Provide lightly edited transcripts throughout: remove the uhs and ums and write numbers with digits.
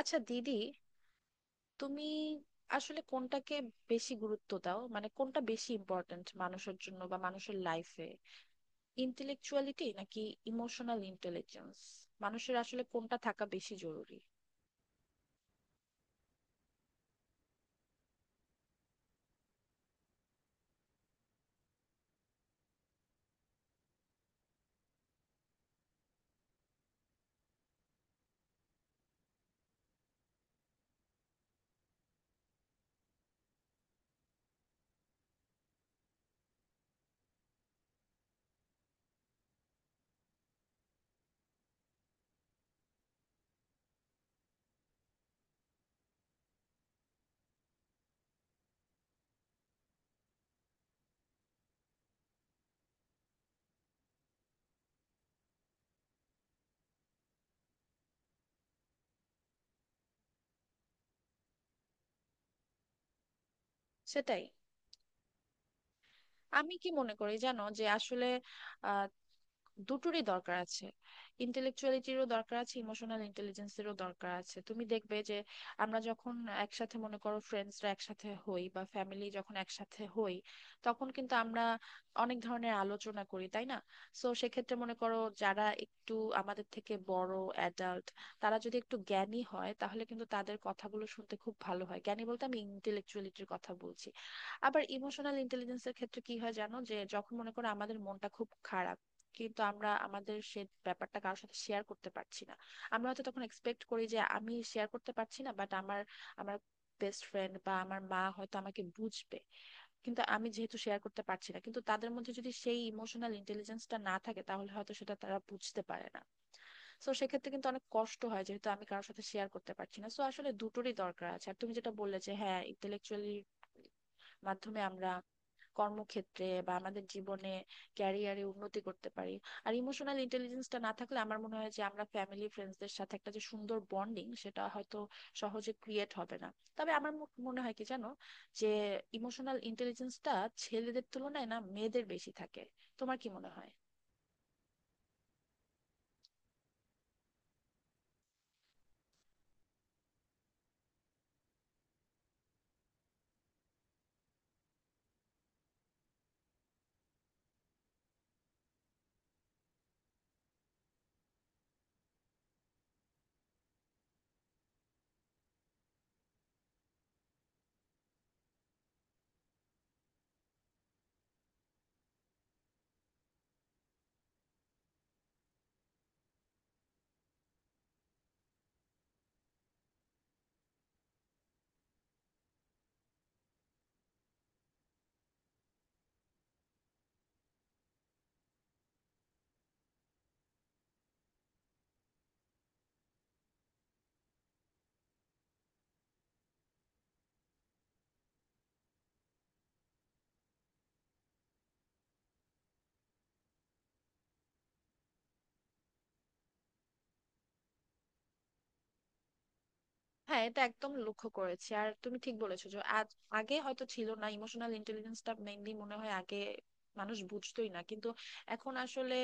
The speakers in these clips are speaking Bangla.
আচ্ছা দিদি, তুমি আসলে কোনটাকে বেশি গুরুত্ব দাও? মানে কোনটা বেশি ইম্পর্ট্যান্ট মানুষের জন্য বা মানুষের লাইফে, ইন্টেলেকচুয়ালিটি নাকি ইমোশনাল ইন্টেলিজেন্স? মানুষের আসলে কোনটা থাকা বেশি জরুরি? সেটাই। আমি কি মনে করি জানো, যে আসলে দুটোরই দরকার আছে। ইন্টেলেকচুয়ালিটিরও দরকার আছে, ইমোশনাল ইন্টেলিজেন্সেরও দরকার আছে। তুমি দেখবে যে আমরা যখন একসাথে, মনে করো ফ্রেন্ডসরা একসাথে হই বা ফ্যামিলি যখন একসাথে হই, তখন কিন্তু আমরা অনেক ধরনের আলোচনা করি, তাই না? সো সেক্ষেত্রে মনে করো যারা একটু আমাদের থেকে বড় অ্যাডাল্ট, তারা যদি একটু জ্ঞানী হয় তাহলে কিন্তু তাদের কথাগুলো শুনতে খুব ভালো হয়। জ্ঞানী বলতে আমি ইন্টেলেকচুয়ালিটির কথা বলছি। আবার ইমোশনাল ইন্টেলিজেন্সের ক্ষেত্রে কি হয় জানো, যে যখন মনে করো আমাদের মনটা খুব খারাপ, কিন্তু আমরা আমাদের সে ব্যাপারটা কারোর সাথে শেয়ার করতে পারছি না। আমরা হয়তো তখন এক্সপেক্ট করি যে আমি শেয়ার করতে পারছি না, বাট আমার আমার বেস্ট ফ্রেন্ড বা আমার মা হয়তো আমাকে বুঝবে। কিন্তু আমি যেহেতু শেয়ার করতে পারছি না, কিন্তু তাদের মধ্যে যদি সেই ইমোশনাল ইন্টেলিজেন্সটা না থাকে তাহলে হয়তো সেটা তারা বুঝতে পারে না। সো সেক্ষেত্রে কিন্তু অনেক কষ্ট হয়, যেহেতু আমি কারোর সাথে শেয়ার করতে পারছি না। সো আসলে দুটোরই দরকার আছে। আর তুমি যেটা বললে যে হ্যাঁ, ইন্টেলেকচুয়ালি মাধ্যমে আমরা কর্মক্ষেত্রে বা আমাদের জীবনে ক্যারিয়ারে উন্নতি করতে পারি। আর ইমোশনাল ইন্টেলিজেন্সটা না থাকলে আমার মনে হয় যে আমরা ফ্যামিলি ফ্রেন্ডসদের সাথে একটা যে সুন্দর বন্ডিং, সেটা হয়তো সহজে ক্রিয়েট হবে না। তবে আমার মনে হয় কি জানো, যে ইমোশনাল ইন্টেলিজেন্সটা ছেলেদের তুলনায় না মেয়েদের বেশি থাকে। তোমার কি মনে হয়? হ্যাঁ, এটা একদম লক্ষ্য করেছি। আর তুমি ঠিক বলেছো যে আজ, আগে হয়তো ছিল না ইমোশনাল ইন্টেলিজেন্সটা, মেইনলি মনে হয় আগে মানুষ বুঝতোই না। কিন্তু এখন আসলে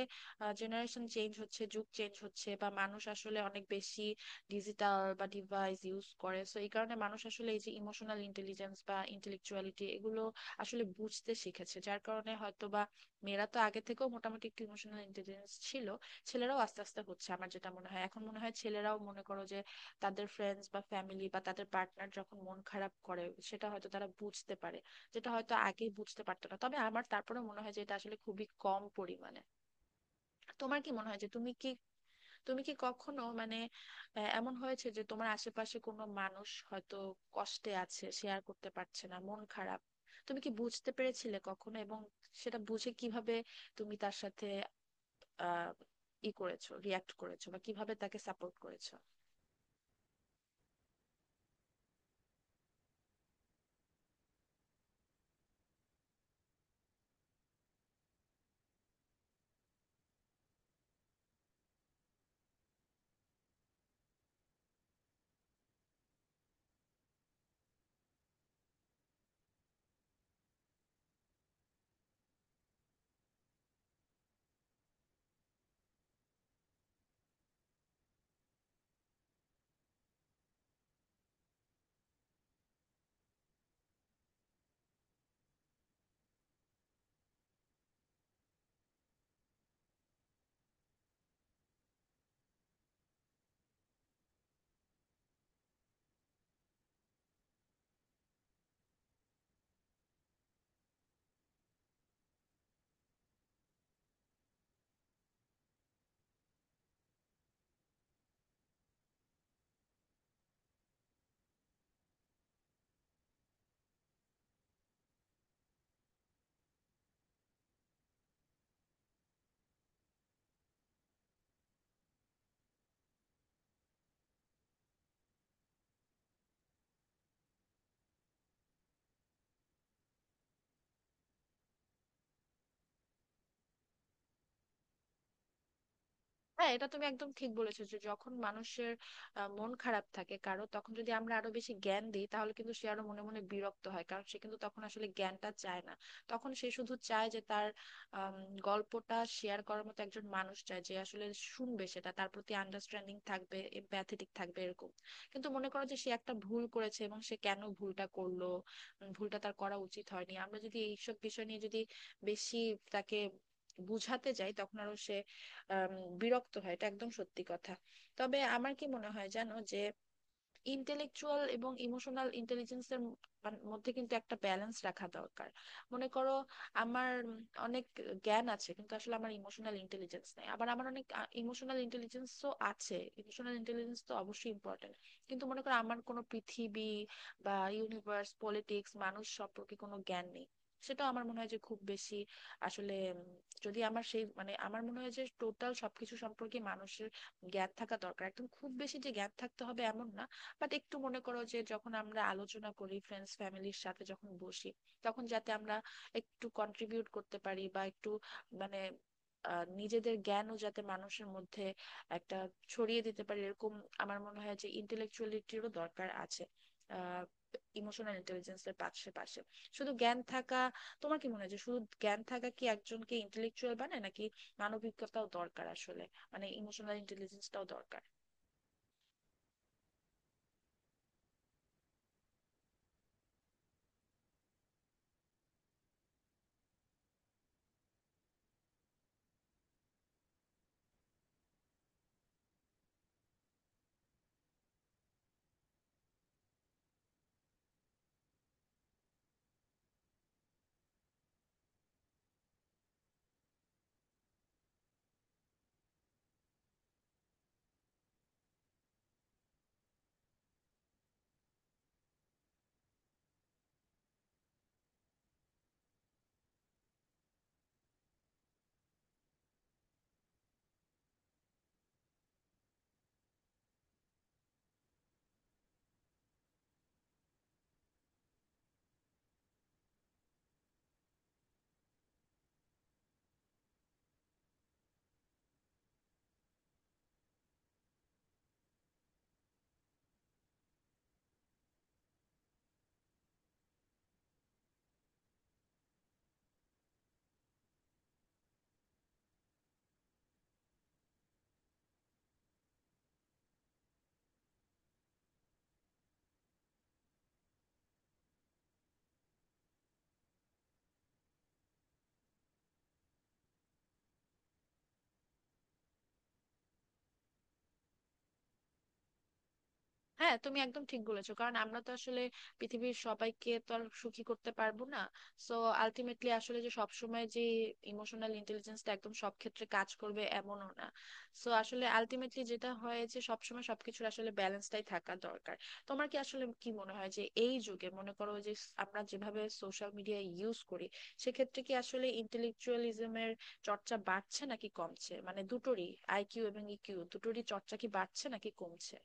জেনারেশন চেঞ্জ হচ্ছে, যুগ চেঞ্জ হচ্ছে, বা মানুষ আসলে অনেক বেশি ডিজিটাল বা ডিভাইস ইউজ করে। সো এই কারণে মানুষ আসলে এই যে ইমোশনাল ইন্টেলিজেন্স বা ইন্টেলেকচুয়ালিটি, এগুলো আসলে বুঝতে শিখেছে, যার কারণে হয়তো বা মেয়েরা তো আগে থেকেও মোটামুটি একটু ইমোশনাল ইন্টেলিজেন্স ছিল, ছেলেরাও আস্তে আস্তে হচ্ছে। আমার যেটা মনে হয় এখন, মনে হয় ছেলেরাও মনে করো যে তাদের ফ্রেন্ডস বা ফ্যামিলি বা তাদের পার্টনার যখন মন খারাপ করে সেটা হয়তো তারা বুঝতে পারে, যেটা হয়তো আগে বুঝতে পারতো না। তবে আমার তারপরে মনে হয় যে এটা আসলে খুবই কম পরিমাণে। তোমার কি মনে হয় যে তুমি কি তুমি কি কখনো, মানে এমন হয়েছে যে তোমার আশেপাশে কোনো মানুষ হয়তো কষ্টে আছে, শেয়ার করতে পারছে না, মন খারাপ, তুমি কি বুঝতে পেরেছিলে কখনো? এবং সেটা বুঝে কিভাবে তুমি তার সাথে আহ ই করেছো রিয়াক্ট করেছো, বা কিভাবে তাকে সাপোর্ট করেছো? হ্যাঁ, এটা তুমি একদম ঠিক বলেছো যে যখন মানুষের মন খারাপ থাকে কারো, তখন যদি আমরা আরো বেশি জ্ঞান দিই তাহলে কিন্তু সে আরো মনে মনে বিরক্ত হয়, কারণ সে কিন্তু তখন আসলে জ্ঞানটা চায় না। তখন সে শুধু চায় যে তার আম, গল্পটা শেয়ার করার মতো একজন মানুষ, চায় যে আসলে শুনবে, সেটা তার প্রতি আন্ডারস্ট্যান্ডিং থাকবে, এম্প্যাথেটিক থাকবে এরকম। কিন্তু মনে করো যে সে একটা ভুল করেছে এবং সে কেন ভুলটা করলো, ভুলটা তার করা উচিত হয়নি। আমরা যদি এইসব বিষয় নিয়ে যদি বেশি তাকে বুঝাতে যাই, তখন আরো সে আম, বিরক্ত হয়। এটা একদম সত্যি কথা। তবে আমার কি মনে হয় জানো, যে ইন্টেলেকচুয়াল এবং ইমোশনাল ইন্টেলিজেন্সের মধ্যে কিন্তু একটা ব্যালেন্স রাখা দরকার। মনে করো আমার অনেক জ্ঞান আছে কিন্তু আসলে আমার ইমোশনাল ইন্টেলিজেন্স নাই, আবার আমার অনেক ইমোশনাল ইন্টেলিজেন্সও আছে। ইমোশনাল ইন্টেলিজেন্স তো অবশ্যই ইম্পর্টেন্ট, কিন্তু মনে করো আমার কোনো পৃথিবী বা ইউনিভার্স, পলিটিক্স, মানুষ সম্পর্কে কোনো জ্ঞান নেই, সেটাও আমার মনে হয় যে খুব বেশি আসলে, যদি আমার সেই, মানে আমার মনে হয় যে টোটাল সবকিছু সম্পর্কে মানুষের জ্ঞান থাকা দরকার। একদম খুব বেশি যে জ্ঞান থাকতে হবে এমন না, বাট একটু মনে করো যে যখন আমরা আলোচনা করি, ফ্রেন্ডস ফ্যামিলির সাথে যখন বসি, তখন যাতে আমরা একটু কন্ট্রিবিউট করতে পারি বা একটু, মানে নিজেদের জ্ঞানও যাতে মানুষের মধ্যে একটা ছড়িয়ে দিতে পারি এরকম। আমার মনে হয় যে ইন্টেলেকচুয়ালিটিরও দরকার আছে ইমোশনাল ইন্টেলিজেন্সের পাশে। শুধু জ্ঞান থাকা, তোমার কি মনে হয় যে শুধু জ্ঞান থাকা কি একজনকে ইন্টেলেকচুয়াল বানায়, নাকি মানবিকতাও দরকার আসলে? মানে ইমোশনাল ইন্টেলিজেন্সটাও দরকার? হ্যাঁ, তুমি একদম ঠিক বলেছো, কারণ আমরা তো আসলে পৃথিবীর সবাইকে তো আর সুখী করতে পারবো না। সো আলটিমেটলি আসলে, যে সবসময় যে ইমোশনাল ইন্টেলিজেন্সটা একদম সব ক্ষেত্রে কাজ করবে এমনও না। সো আসলে আলটিমেটলি যেটা হয় যে সবসময় সবকিছুর আসলে ব্যালেন্সটাই থাকা দরকার। তোমার কি আসলে কি মনে হয় যে এই যুগে, মনে করো যে আমরা যেভাবে সোশ্যাল মিডিয়া ইউজ করি, সেক্ষেত্রে কি আসলে ইন্টেলেকচুয়ালিজমের চর্চা বাড়ছে নাকি কমছে? মানে দুটোরই, আইকিউ এবং ইকিউ দুটোরই চর্চা কি বাড়ছে নাকি কমছে?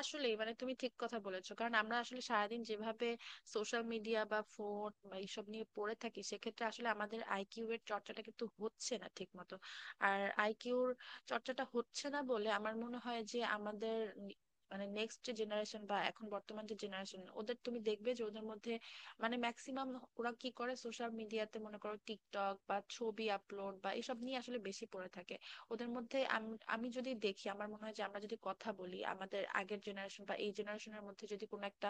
আসলে মানে তুমি ঠিক কথা বলেছো, কারণ আমরা আসলে সারাদিন যেভাবে সোশ্যাল মিডিয়া বা ফোন বা এইসব নিয়ে পড়ে থাকি, সেক্ষেত্রে আসলে আমাদের আইকিউ এর চর্চাটা কিন্তু হচ্ছে না ঠিক মতো। আর আইকিউর চর্চাটা হচ্ছে না বলে আমার মনে হয় যে আমাদের নি- মানে নেক্সট যে জেনারেশন বা এখন বর্তমান যে জেনারেশন, ওদের তুমি দেখবে যে ওদের মধ্যে মানে ম্যাক্সিমাম ওরা কি করে সোশ্যাল মিডিয়াতে, মনে করো টিকটক বা ছবি আপলোড বা এসব নিয়ে আসলে বেশি পড়ে থাকে। ওদের মধ্যে আমি যদি দেখি, আমার মনে হয় যে আমরা যদি কথা বলি আমাদের আগের জেনারেশন বা এই জেনারেশনের মধ্যে, যদি কোনো একটা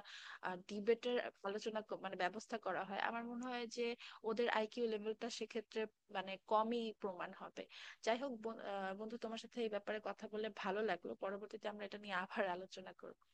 ডিবেটের আলোচনা ক- মানে ব্যবস্থা করা হয়, আমার মনে হয় যে ওদের আইকিউ লেভেলটা সেক্ষেত্রে মানে কমই প্রমাণ হবে। যাই হোক বন্ধু, তোমার সাথে এই ব্যাপারে কথা বলে ভালো লাগলো। পরবর্তীতে আমরা এটা নিয়ে আবার আলোচনা করবো।